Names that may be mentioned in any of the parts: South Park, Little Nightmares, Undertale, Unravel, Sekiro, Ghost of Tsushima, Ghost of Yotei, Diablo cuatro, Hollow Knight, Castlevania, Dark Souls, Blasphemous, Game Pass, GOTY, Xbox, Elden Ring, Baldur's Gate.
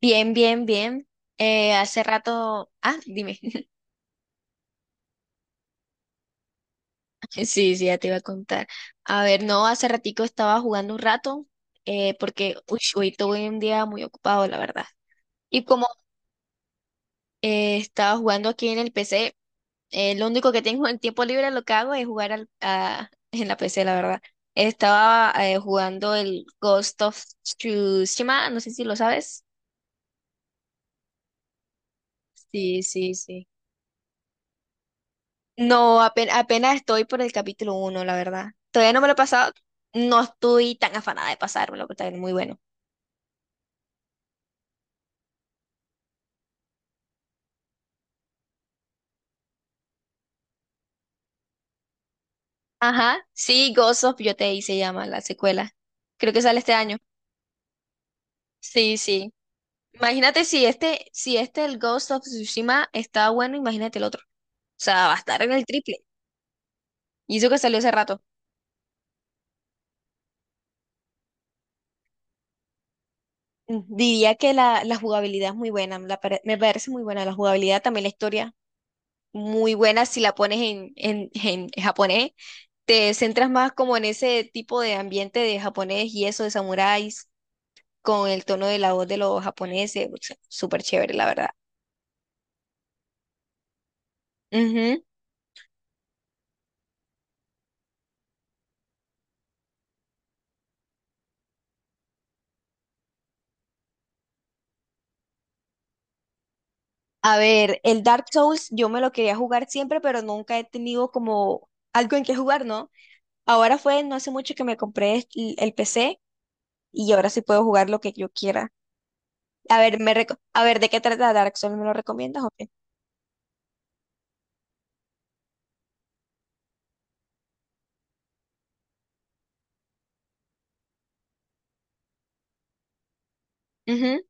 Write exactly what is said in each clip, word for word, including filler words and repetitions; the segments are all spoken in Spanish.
Bien, bien, bien. Eh, hace rato, ah, dime. Sí, sí, ya te iba a contar. A ver, no, hace ratico estaba jugando un rato, eh, porque uy, hoy tuve un día muy ocupado, la verdad. Y como eh, estaba jugando aquí en el P C, eh, lo único que tengo en tiempo libre lo que hago es jugar al, a- en la P C, la verdad. Estaba eh, jugando el Ghost of Tsushima, no sé si lo sabes. Sí, sí, sí. No, apen- apenas, estoy por el capítulo uno la verdad. Todavía no me lo he pasado. No estoy tan afanada de pasármelo, pero está muy bueno. Ajá, sí, Ghost of Yotei se llama la secuela. Creo que sale este año. Sí, sí. Imagínate si este, si este, el Ghost of Tsushima, está bueno, imagínate el otro. O sea, va a estar en el triple. Y eso que salió hace rato. Diría que la, la jugabilidad es muy buena, la pare- me parece muy buena la jugabilidad, también la historia, muy buena si la pones en, en, en japonés te centras más como en ese tipo de ambiente de japonés y eso de samuráis con el tono de la voz de los japoneses, o sea, súper chévere, la verdad. Ujú. A ver, el Dark Souls yo me lo quería jugar siempre, pero nunca he tenido como algo en que jugar, ¿no? Ahora fue no hace mucho que me compré el, el P C y ahora sí puedo jugar lo que yo quiera. A ver, me reco- a ver, ¿de qué trata Dark Souls? ¿Me lo recomiendas o qué? Ujú.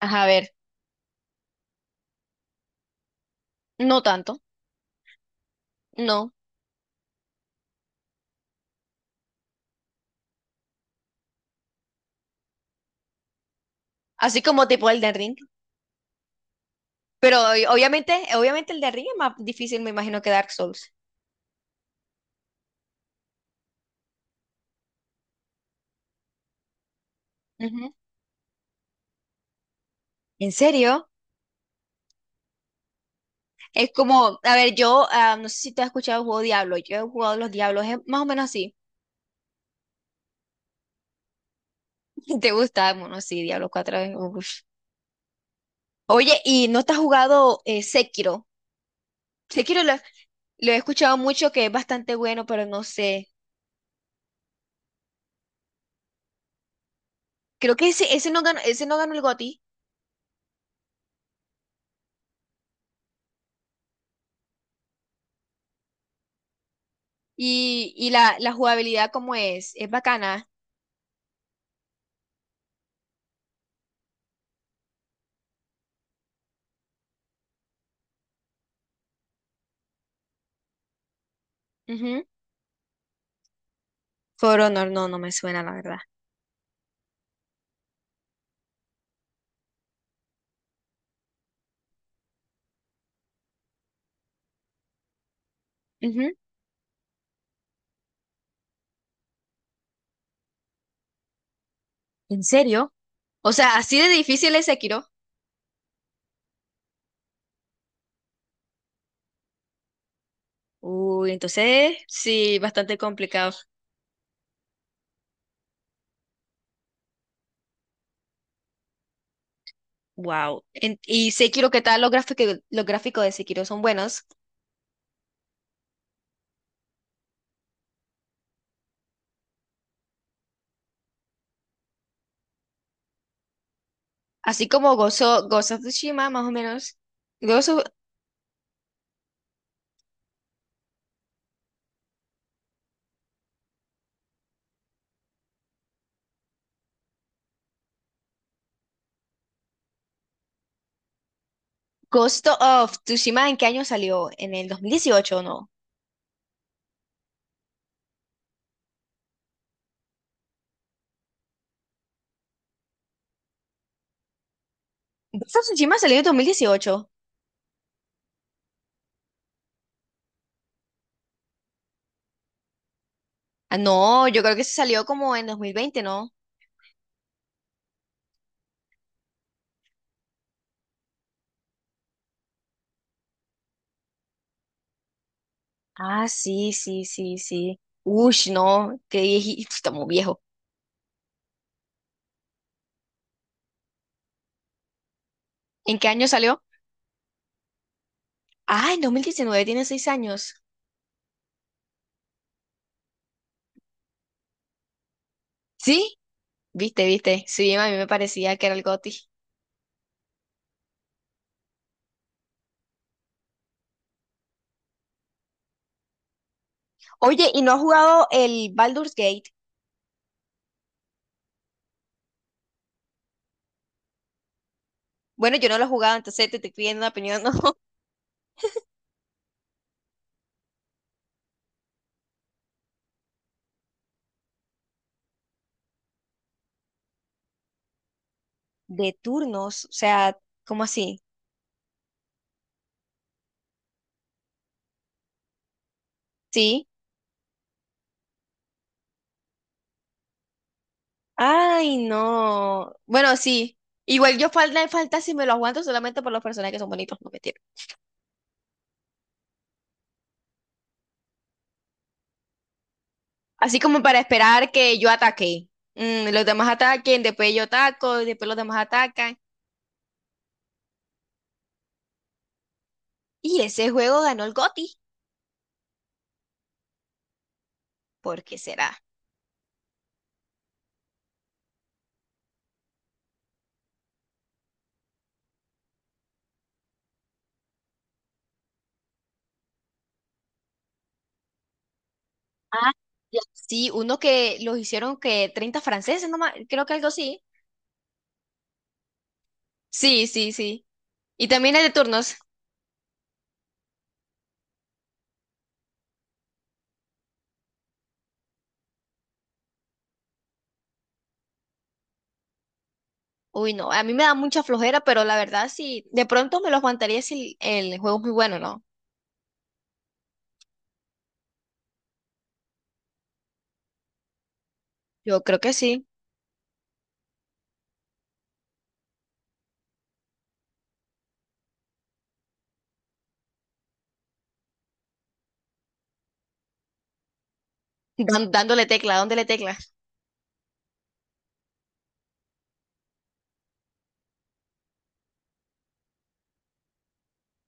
Ajá, a ver, no tanto, no. Así como tipo Elden Ring. Pero ob- obviamente, obviamente el de arriba es más difícil, me imagino, que Dark Souls. Ujú. ¿En serio? Es como, a ver, yo ah, no sé si tú has escuchado el juego Diablo. Yo he jugado los Diablos, es más o menos así. ¿Te gusta? Bueno, sí, Diablo cuatro eh, uf. Oye, ¿y no te has jugado eh, Sekiro? Sekiro lo, lo he escuchado mucho, que es bastante bueno, pero no sé. Creo que ese, ese no ganó, ese no ganó el G O T Y. Y, y la, la jugabilidad, ¿cómo es? Es bacana. Ujú. For Honor, no, no me suena, la verdad. Ujú. ¿En serio? O sea, así de difícil es Sekiro. Uy, entonces sí, bastante complicado. Wow. Y Sekiro, ¿qué tal? Los gráficos, los gráficos de Sekiro son buenos. Así como Gozo- Ghost of Tsushima, más o menos. Ghost of, Ghost of Tsushima, ¿en qué año salió? ¿En el dos mil dieciocho o no? Ghost of Tsushima salió en dos mil dieciocho. Ah, no, yo creo que se salió como en dos mil veinte, ¿no? Ah, sí, sí, sí, sí. Ush, no, qué vieji- está muy viejo. ¿En qué año salió? Ah, en dos mil diecinueve. Tiene seis años. ¿Sí? Viste, viste. Sí, a mí me parecía que era el G O T Y. Oye, ¿y no has jugado el Baldur's Gate? Bueno, yo no lo he jugado, entonces te estoy pidiendo una opinión, ¿no? De turnos, o sea, ¿cómo así? Sí. Ay, no. Bueno, sí. Igual yo falta falta si me lo aguanto solamente por los personajes que son bonitos, no me tienen. Así como para esperar que yo ataque. Mm, los demás ataquen, después yo ataco, y después los demás atacan. Y ese juego ganó el G O T Y. ¿Por qué será? Sí, uno que los hicieron que treinta franceses nomás, creo que algo así. Sí, sí, sí. Y también hay de turnos. Uy, no, a mí me da mucha flojera, pero la verdad sí, de pronto me los aguantaría si el el juego es muy bueno, ¿no? Yo creo que sí. Dan- dándole tecla, dándole tecla.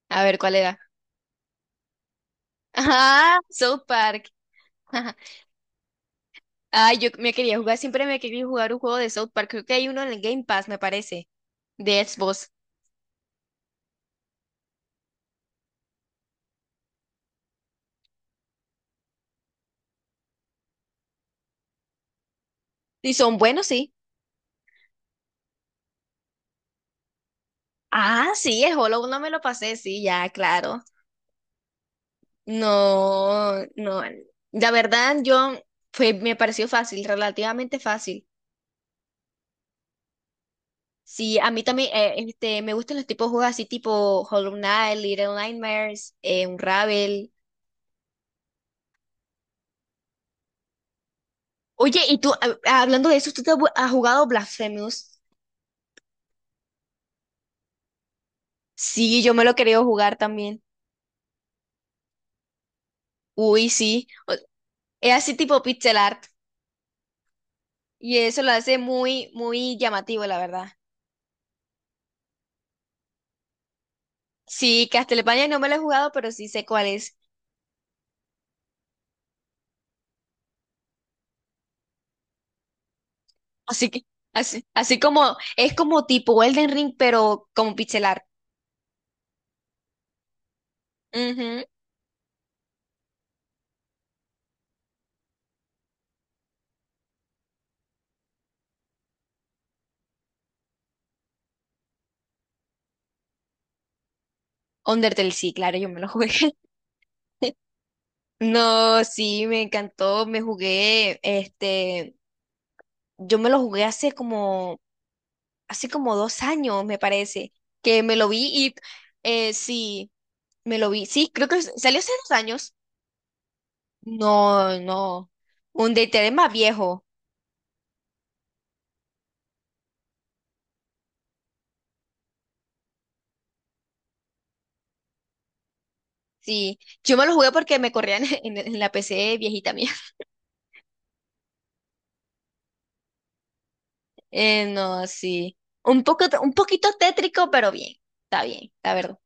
A ver, ¿cuál era? Ajá, South Park. Ay, yo me quería jugar, siempre me quería jugar un juego de South Park. Creo que hay uno en el Game Pass, me parece, de Xbox. Y son buenos, sí. Ah, sí, el Hollow no me lo pasé, sí, ya, claro. No, no. La verdad, yo fue, me pareció fácil, relativamente fácil. Sí, a mí también eh, este, me gustan los tipos de juegos así tipo Hollow Knight, Little Nightmares, eh, Unravel. Oye, y tú, ah, ah, hablando de eso, ¿tú te has bu- has jugado Blasphemous? Sí, yo me lo he querido jugar también. Uy, sí. O- Es así tipo pixel art. Y eso lo hace muy, muy llamativo, la verdad. Sí, Castlevania no me lo he jugado, pero sí sé cuál es. Así que, así, así como, es como tipo Elden Ring, pero como pixelar. Ujú. Undertale, sí, claro, yo me lo jugué. No, sí, me encantó, me jugué, este, yo me lo jugué hace como, hace como dos años, me parece, que me lo vi y, eh, sí, me lo vi, sí, creo que s- salió hace dos años. No, no, un D T es más viejo, sí, yo me lo jugué porque me corrían en, en la P C viejita mía. Eh, no, sí. Un poco, un poquito tétrico, pero bien. Está bien, la verdad.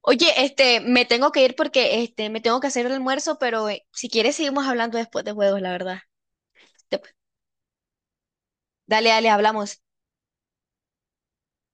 Oye, este, me tengo que ir porque este, me tengo que hacer el almuerzo, pero eh, si quieres seguimos hablando después de juegos, la verdad. Te- Dale, dale, hablamos.